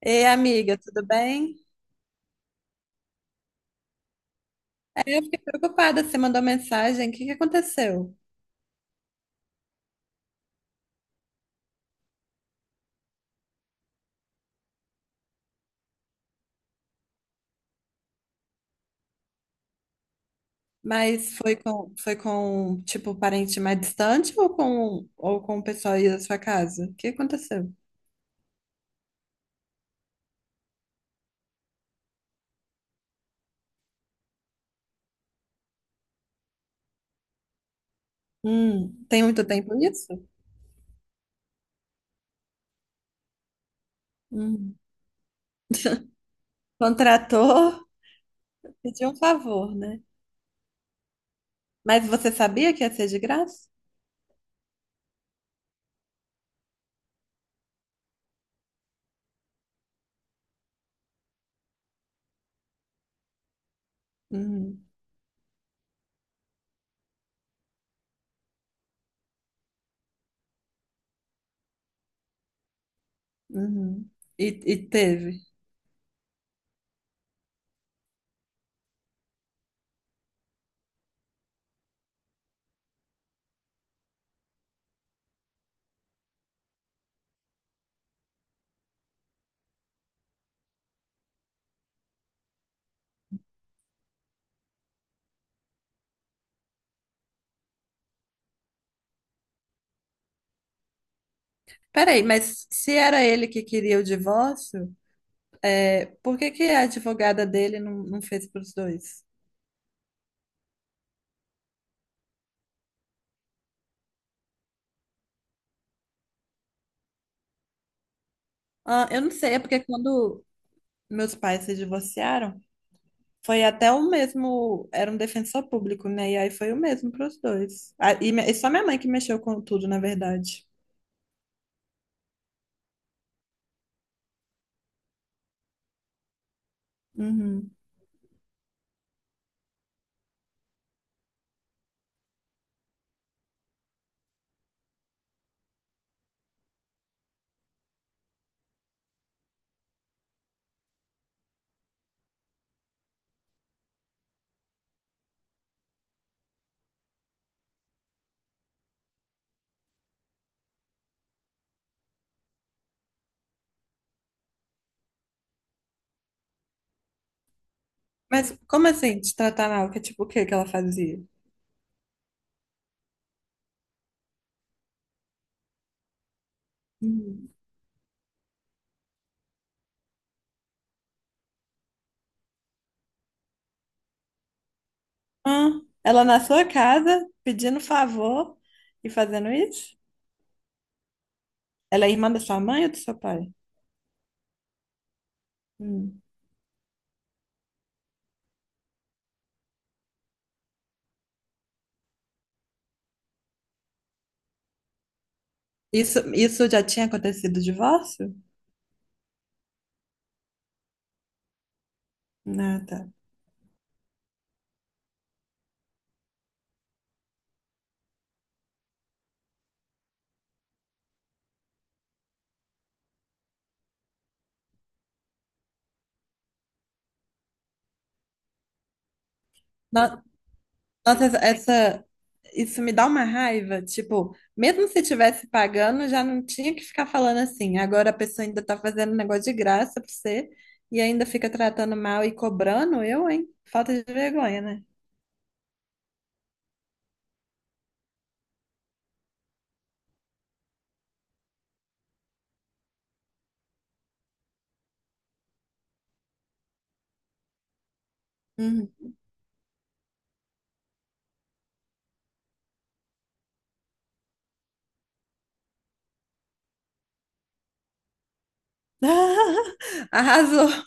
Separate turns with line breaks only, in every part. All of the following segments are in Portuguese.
Ei, amiga, tudo bem? Eu fiquei preocupada, você mandou mensagem, o que que aconteceu? Mas foi com, tipo, um parente mais distante ou com o pessoal aí da sua casa? O que aconteceu? Tem muito tempo isso? Hum. Contratou, pediu um favor, né? Mas você sabia que ia ser de graça? Uhum, uhum. E teve. Peraí, mas se era ele que queria o divórcio, é, por que que a advogada dele não fez para os dois? Ah, eu não sei, é porque quando meus pais se divorciaram, foi até o mesmo, era um defensor público, né? E aí foi o mesmo para os dois. Ah, e, me- e só minha mãe que mexeu com tudo, na verdade. Uhum. Mas como assim, te tratar mal? Que tipo, o que que ela fazia? Uhum. Ah, ela na sua casa, pedindo favor e fazendo isso? Ela é irmã da sua mãe ou do seu pai? Hum. Isso já tinha acontecido o divórcio? Ah, tá. Não. Nossa, essa, essa- isso me dá uma raiva. Tipo, mesmo se tivesse pagando, já não tinha que ficar falando assim. Agora a pessoa ainda tá fazendo um negócio de graça pra você e ainda fica tratando mal e cobrando. Eu, hein? Falta de vergonha, né? Uhum. Arrasou.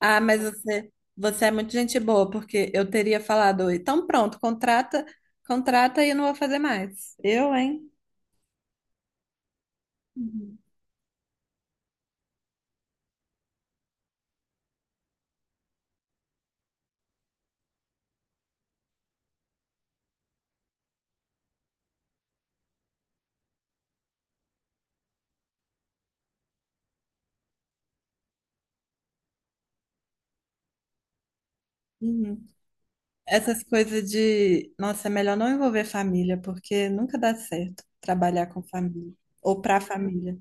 Ah, mas você é muito gente boa, porque eu teria falado, então pronto, contrata e eu não vou fazer mais. Eu, hein? Uhum. Uhum. Essas coisas de, nossa, é melhor não envolver família, porque nunca dá certo trabalhar com família ou pra família.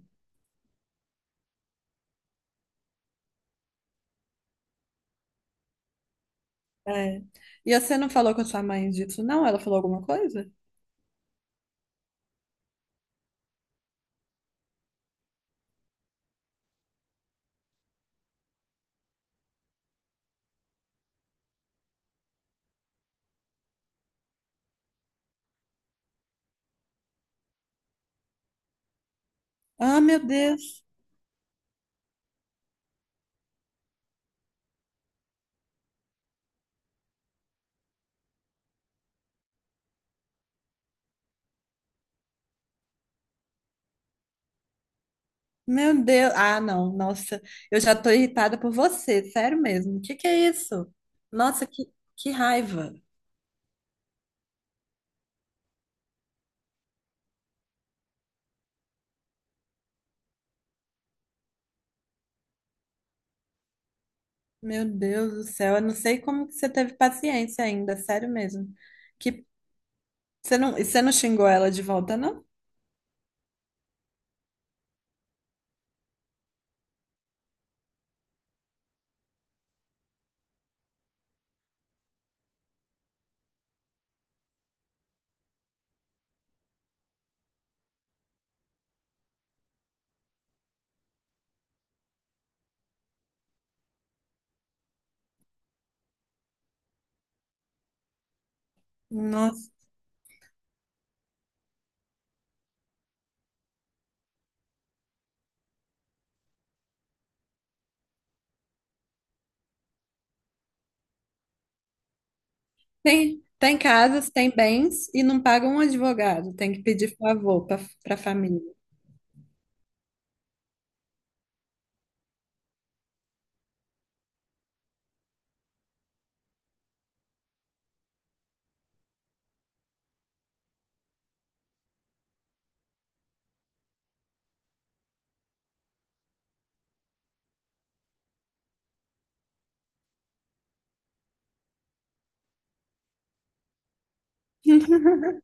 É. E você não falou com a sua mãe disso, não? Ela falou alguma coisa? Ah, meu Deus. Meu Deus. Ah, não. Nossa, eu já tô irritada por você, sério mesmo. O que que é isso? Nossa, que raiva. Meu Deus do céu, eu não sei como que você teve paciência ainda, sério mesmo. Que você não, e você não xingou ela de volta, não? Nossa. Tem, tem casas, tem bens e não paga um advogado, tem que pedir favor para a família.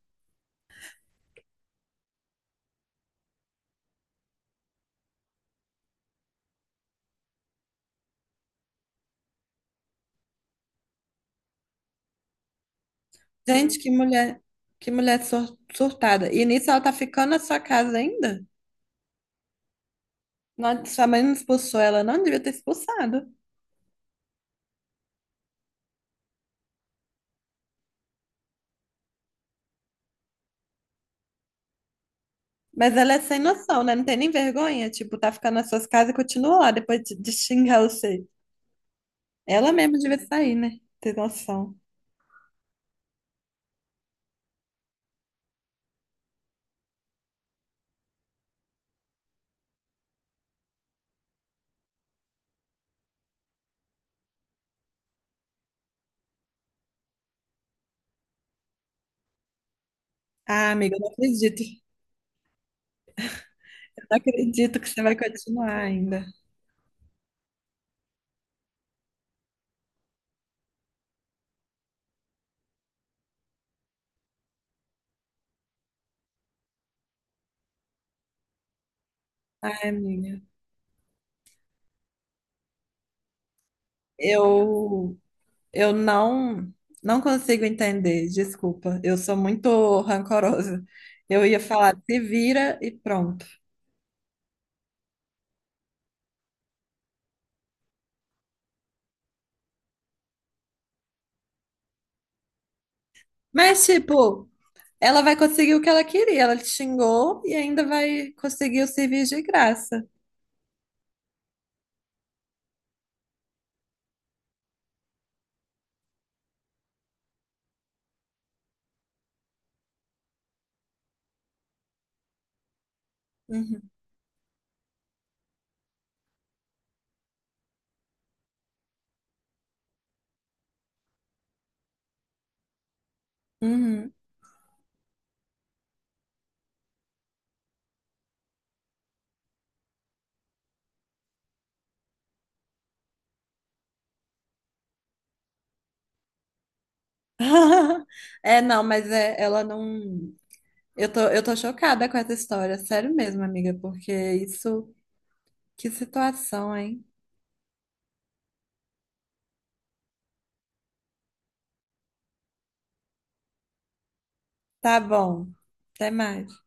Gente, surtada. E nisso ela tá ficando na sua casa ainda? Não, sua mãe não expulsou ela, não devia ter expulsado. Mas ela é sem noção, né? Não tem nem vergonha. Tipo, tá ficando nas suas casas e continua lá depois de xingar você. Ela mesma devia sair, né? Ter noção. Ah, amiga, eu não acredito. Eu não acredito que você vai continuar ainda. Ai, amiga. Eu, eu não, Não consigo entender. Desculpa. Eu sou muito rancorosa. Eu ia falar, se vira e pronto. Mas, tipo, ela vai conseguir o que ela queria. Ela te xingou e ainda vai conseguir o serviço de graça. Uhum. Uhum. É, não, mas é, ela não. Eu tô chocada com essa história, sério mesmo, amiga, porque isso. Que situação, hein? Tá bom. Até mais.